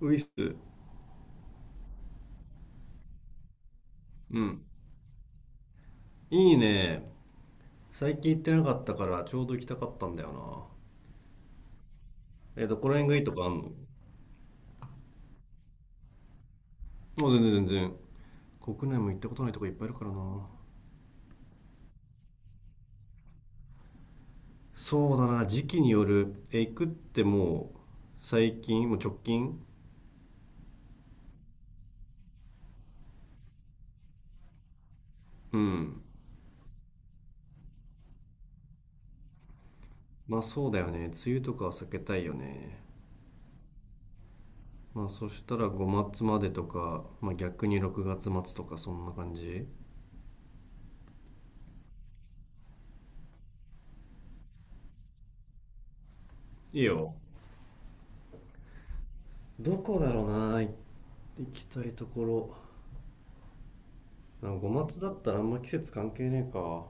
ウィス。うん。いいね。最近行ってなかったからちょうど行きたかったんだよな。え、どこら辺がいいとかあんの？もう全然全然。国内も行ったことないとこいっぱいいるからな。そうだな、時期による。え、行くってもう最近、もう直近。うん。まあそうだよね。梅雨とかは避けたいよね。まあそしたら5月までとか、まあ逆に6月末とかそんな感じ。いいよ。どこだろうな、行きたいところ。なんかごまつだったらあんま季節関係ねえか。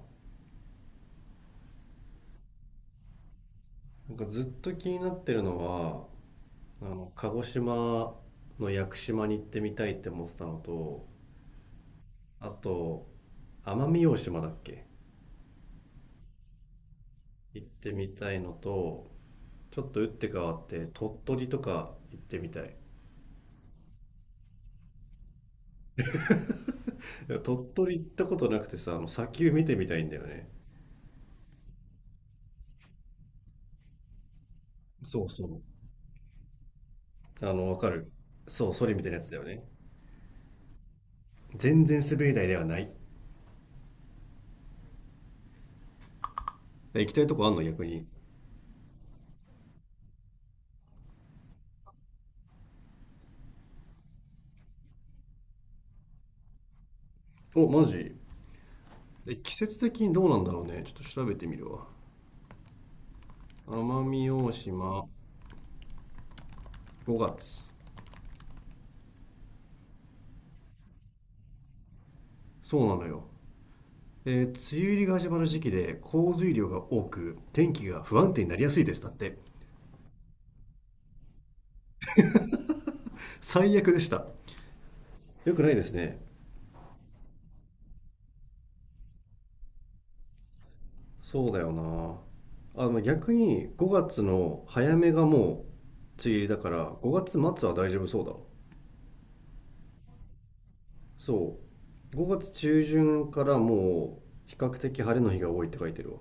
なんかずっと気になってるのは、鹿児島の屋久島に行ってみたいって思ってたのと、あと、奄美大島だっけ、行ってみたいのと、ちょっと打って変わって鳥取とか行ってみたい。いや鳥取行ったことなくてさ、砂丘見てみたいんだよね。そうそう。わかる。そう、ソリみたいなやつだよね。全然滑り台ではない。行きたいとこあんの逆に？お、マジで？季節的にどうなんだろうね。ちょっと調べてみるわ。奄美大島5月。そうなのよ。梅雨入りが始まる時期で降水量が多く、天気が不安定になりやすいです。だって。最悪でした。よくないですね。そうだよな。あ、でも逆に5月の早めがもう梅雨入りだから、5月末は大丈夫そうだ。そう。5月中旬からもう比較的晴れの日が多いって書いてるわ。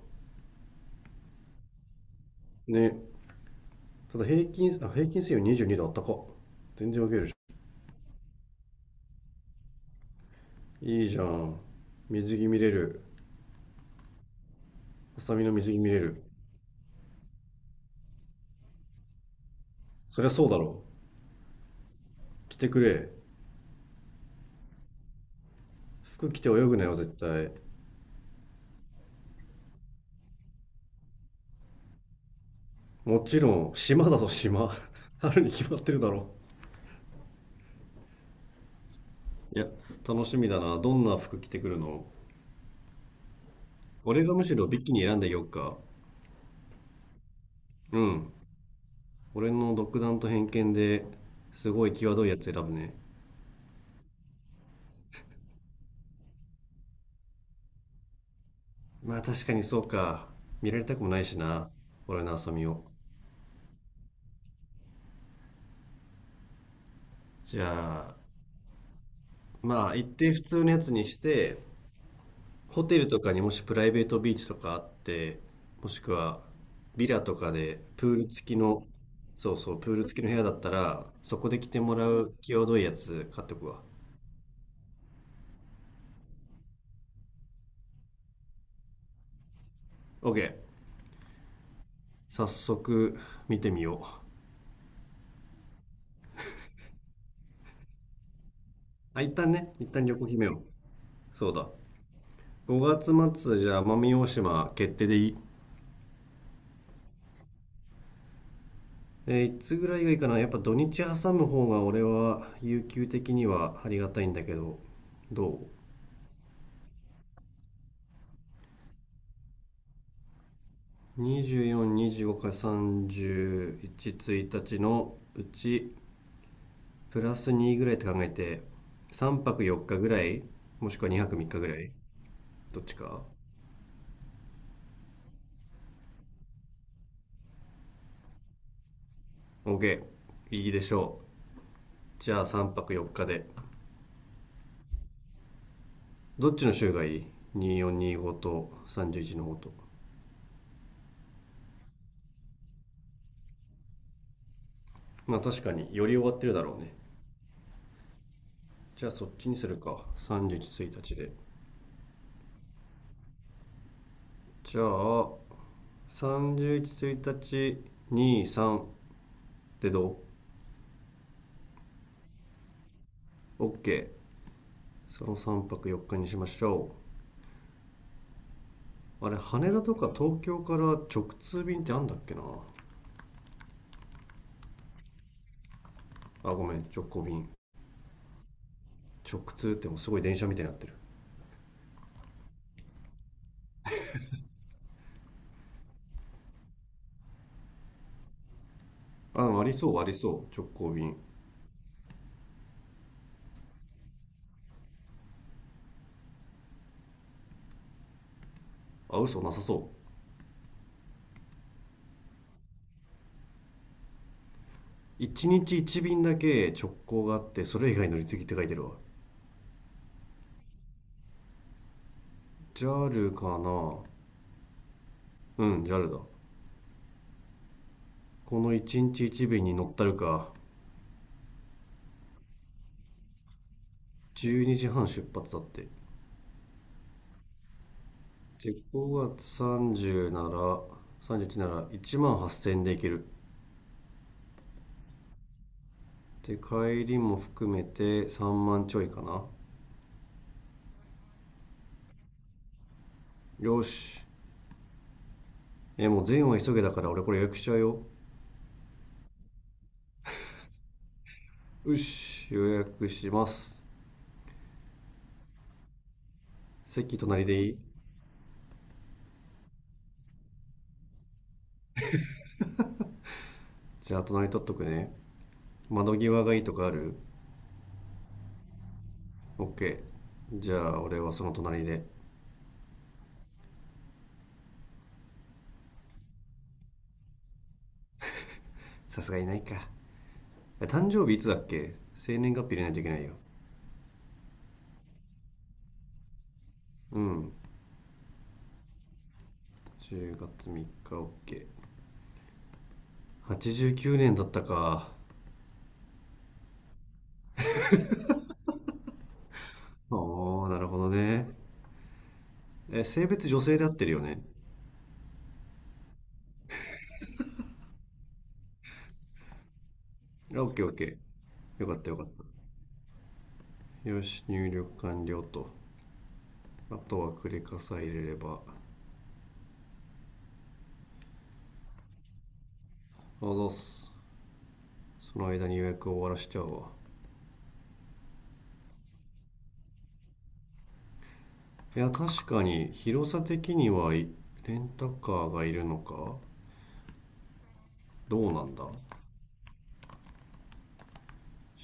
ね。ただ平均平均水温22度。あったか？全然分けるじゃん。いいじゃん。水着見れる？ハサミの水着見れる？そりゃそうだろう。着てくれ。服着て泳ぐなよ絶対。もちろん島だぞ島。 春に決まってるだろ。いや、楽しみだな。どんな服着てくるの？俺がむしろビキニ選んでよっか？うん。俺の独断と偏見ですごい際どいやつ選ぶね。まあ確かにそうか。見られたくもないしな、俺のハサミを。じゃあ、まあ、一定普通のやつにして、ホテルとかにもしプライベートビーチとかあって、もしくはビラとかでプール付きの、そうそう、プール付きの部屋だったら、そこで着てもらう際どいやつ買っておくわ。OK。早速見てみよう。あ、一旦ね、一旦旅行決めよう。そうだ。5月末じゃあ奄美大島決定でいい？いつぐらいがいいかな。やっぱ土日挟む方が俺は有給的にはありがたいんだけど、どう？24、25から31、1日のうちプラス2ぐらいって考えて、3泊4日ぐらい、もしくは2泊3日ぐらい、どっちか。 OK、 いいでしょう。じゃあ3泊4日で。どっちの週がいい？24、25と31の方と。まあ確かにより終わってるだろうね。じゃあそっちにするか、31、1日で。じゃあ31、1日23でどう？ ?OK。 その3泊4日にしましょう。あれ、羽田とか東京から直通便ってあんだっけな。あ、ごめん、直行便。直通ってもうすごい電車みたいになってる。あ、ありそうありそう、直行便。あ、嘘、なさそう。1日1便だけ直行があってそれ以外乗り継ぎって書いてるわ。 JAL かな。うん、 JAL だ。この1日1便に乗ったるか。12時半出発だって。で5月30なら31なら1 8000円で行ける。で帰りも含めて3万ちょいかな。よし、もう全は急げだから俺これ予約しちゃうよ。よし、予約します。席隣でいい？じゃあ隣取っとくね。窓際がいいとかある？ ?OK。 じゃあ俺はその隣で。さすがにないか。誕生日いつだっけ、生年月日入れないといけないよ。うん。10月3日。 OK、89 年だったか？おお、なるほどね。え、性別女性で合ってるよね？ OKOK。 よかったよかった。よし、入力完了と。あとはクレカさえ入れれば。あざっす。その間に予約を終わらしちゃうわ。いや、確かに広さ的にはレンタカーがいるのか。どうなんだ、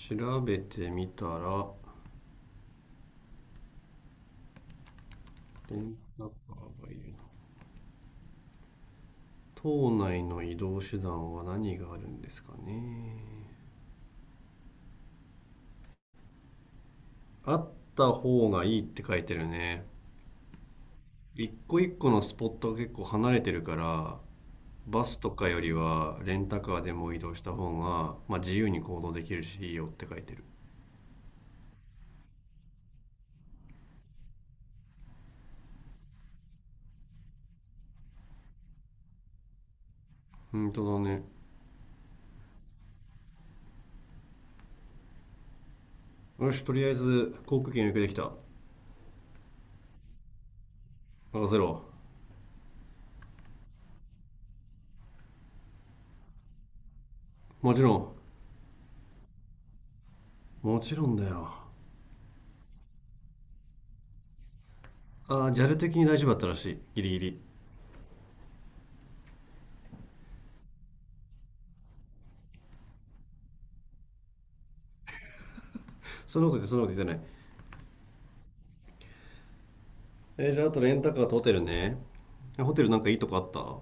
調べてみたら、レンタカーがいるな。島内の移動手段は何があるんですかね。あった方がいいって書いてるね。一個一個のスポットが結構離れてるから、バスとかよりはレンタカーでも移動した方が、まあ、自由に行動できるしいいよって書いてる。本当だね。よし、とりあえず航空券予約できた。任せろ。もちろん。もちろんだよ。ああ、ジャル的に大丈夫だったらしいギリギリ。そんなこと言って、そんなこと言ってない。じゃあ、あとレンタカーとホテルね。ホテルなんかいいとこあった？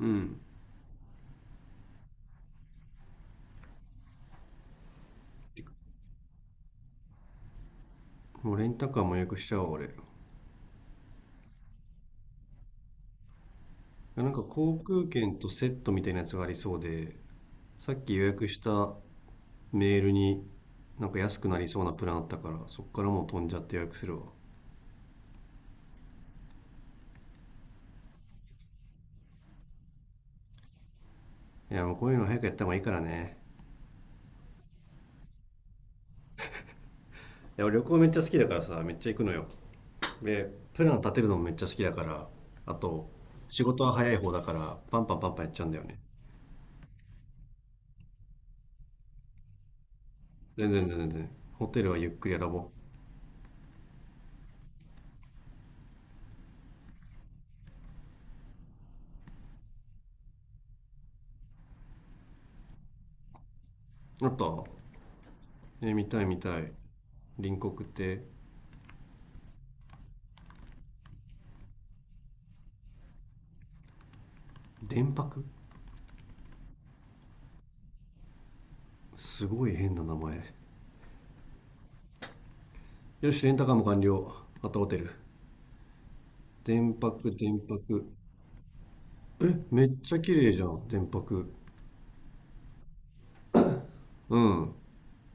うん。もうレンタカーも予約しちゃおう俺。なんか航空券とセットみたいなやつがありそうで、さっき予約したメールになんか安くなりそうなプランあったからそっからもう飛んじゃって予約するわ。いや、もうこういうの早くやった方がいいからね。いや俺旅行めっちゃ好きだからさ、めっちゃ行くのよ。で、プラン立てるのもめっちゃ好きだから、あと仕事は早い方だからパンパンパンパンやっちゃうんだよね。全然全然全然、ホテルはゆっくり選ぼう。あと、え、見たい見たい。隣国って。電泊。すごい変な名前。よしレンタカーも完了。あとホテル。電泊電泊。え、めっちゃ綺麗じゃん電泊。うん。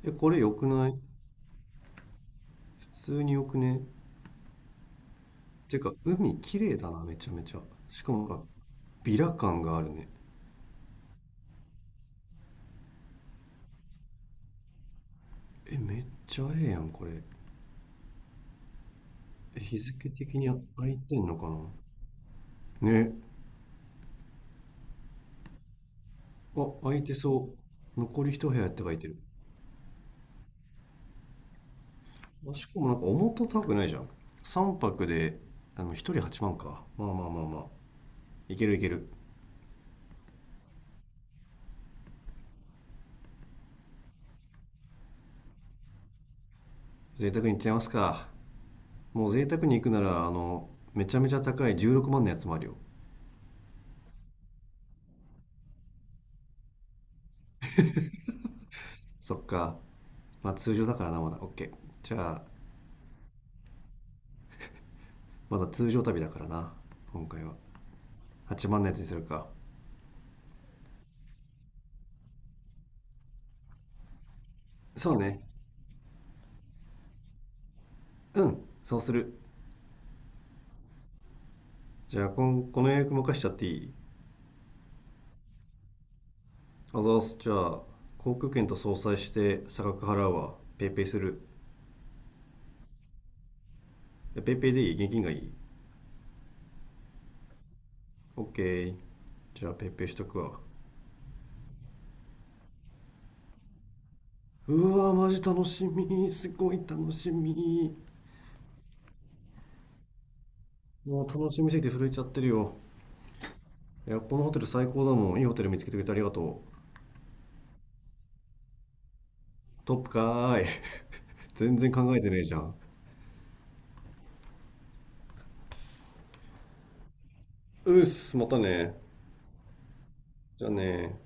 え、これ良くない？普通に良くね？てか、海綺麗だな、めちゃめちゃ。しかもなんか、ビラ感があるね。え、めっちゃええやん、これ。え、日付的に空いてんのか？なね。あ、空いてそう。残り一部屋って書いてる。あ、しかもなんか思った高くないじゃん。3泊で、1人8万か。まあまあまあまあ。いけるいける。贅沢に行っちゃいますか。もう贅沢に行くなら、めちゃめちゃ高い16万のやつもあるよ。そっか。まあ通常だからな、まだ OK。 じゃあ、まだ通常旅だからな今回は。8万のやつにするか。そうね。うん、そうする。じゃあ、この予約任しちゃっていい？あざーす。じゃあ航空券と相殺して差額払うわ、ペイペイする。え、ペイペイでいい？現金がいい？ OK。 じゃあペイペイしとくわ。うわー、マジ楽しみ、すごい楽しみ。もう楽しみすぎて震えちゃってるよ。いや、このホテル最高だもん。いいホテル見つけてくれてありがとう。トップかーい。全然考えてねえじゃん。うっす、またね。じゃあね。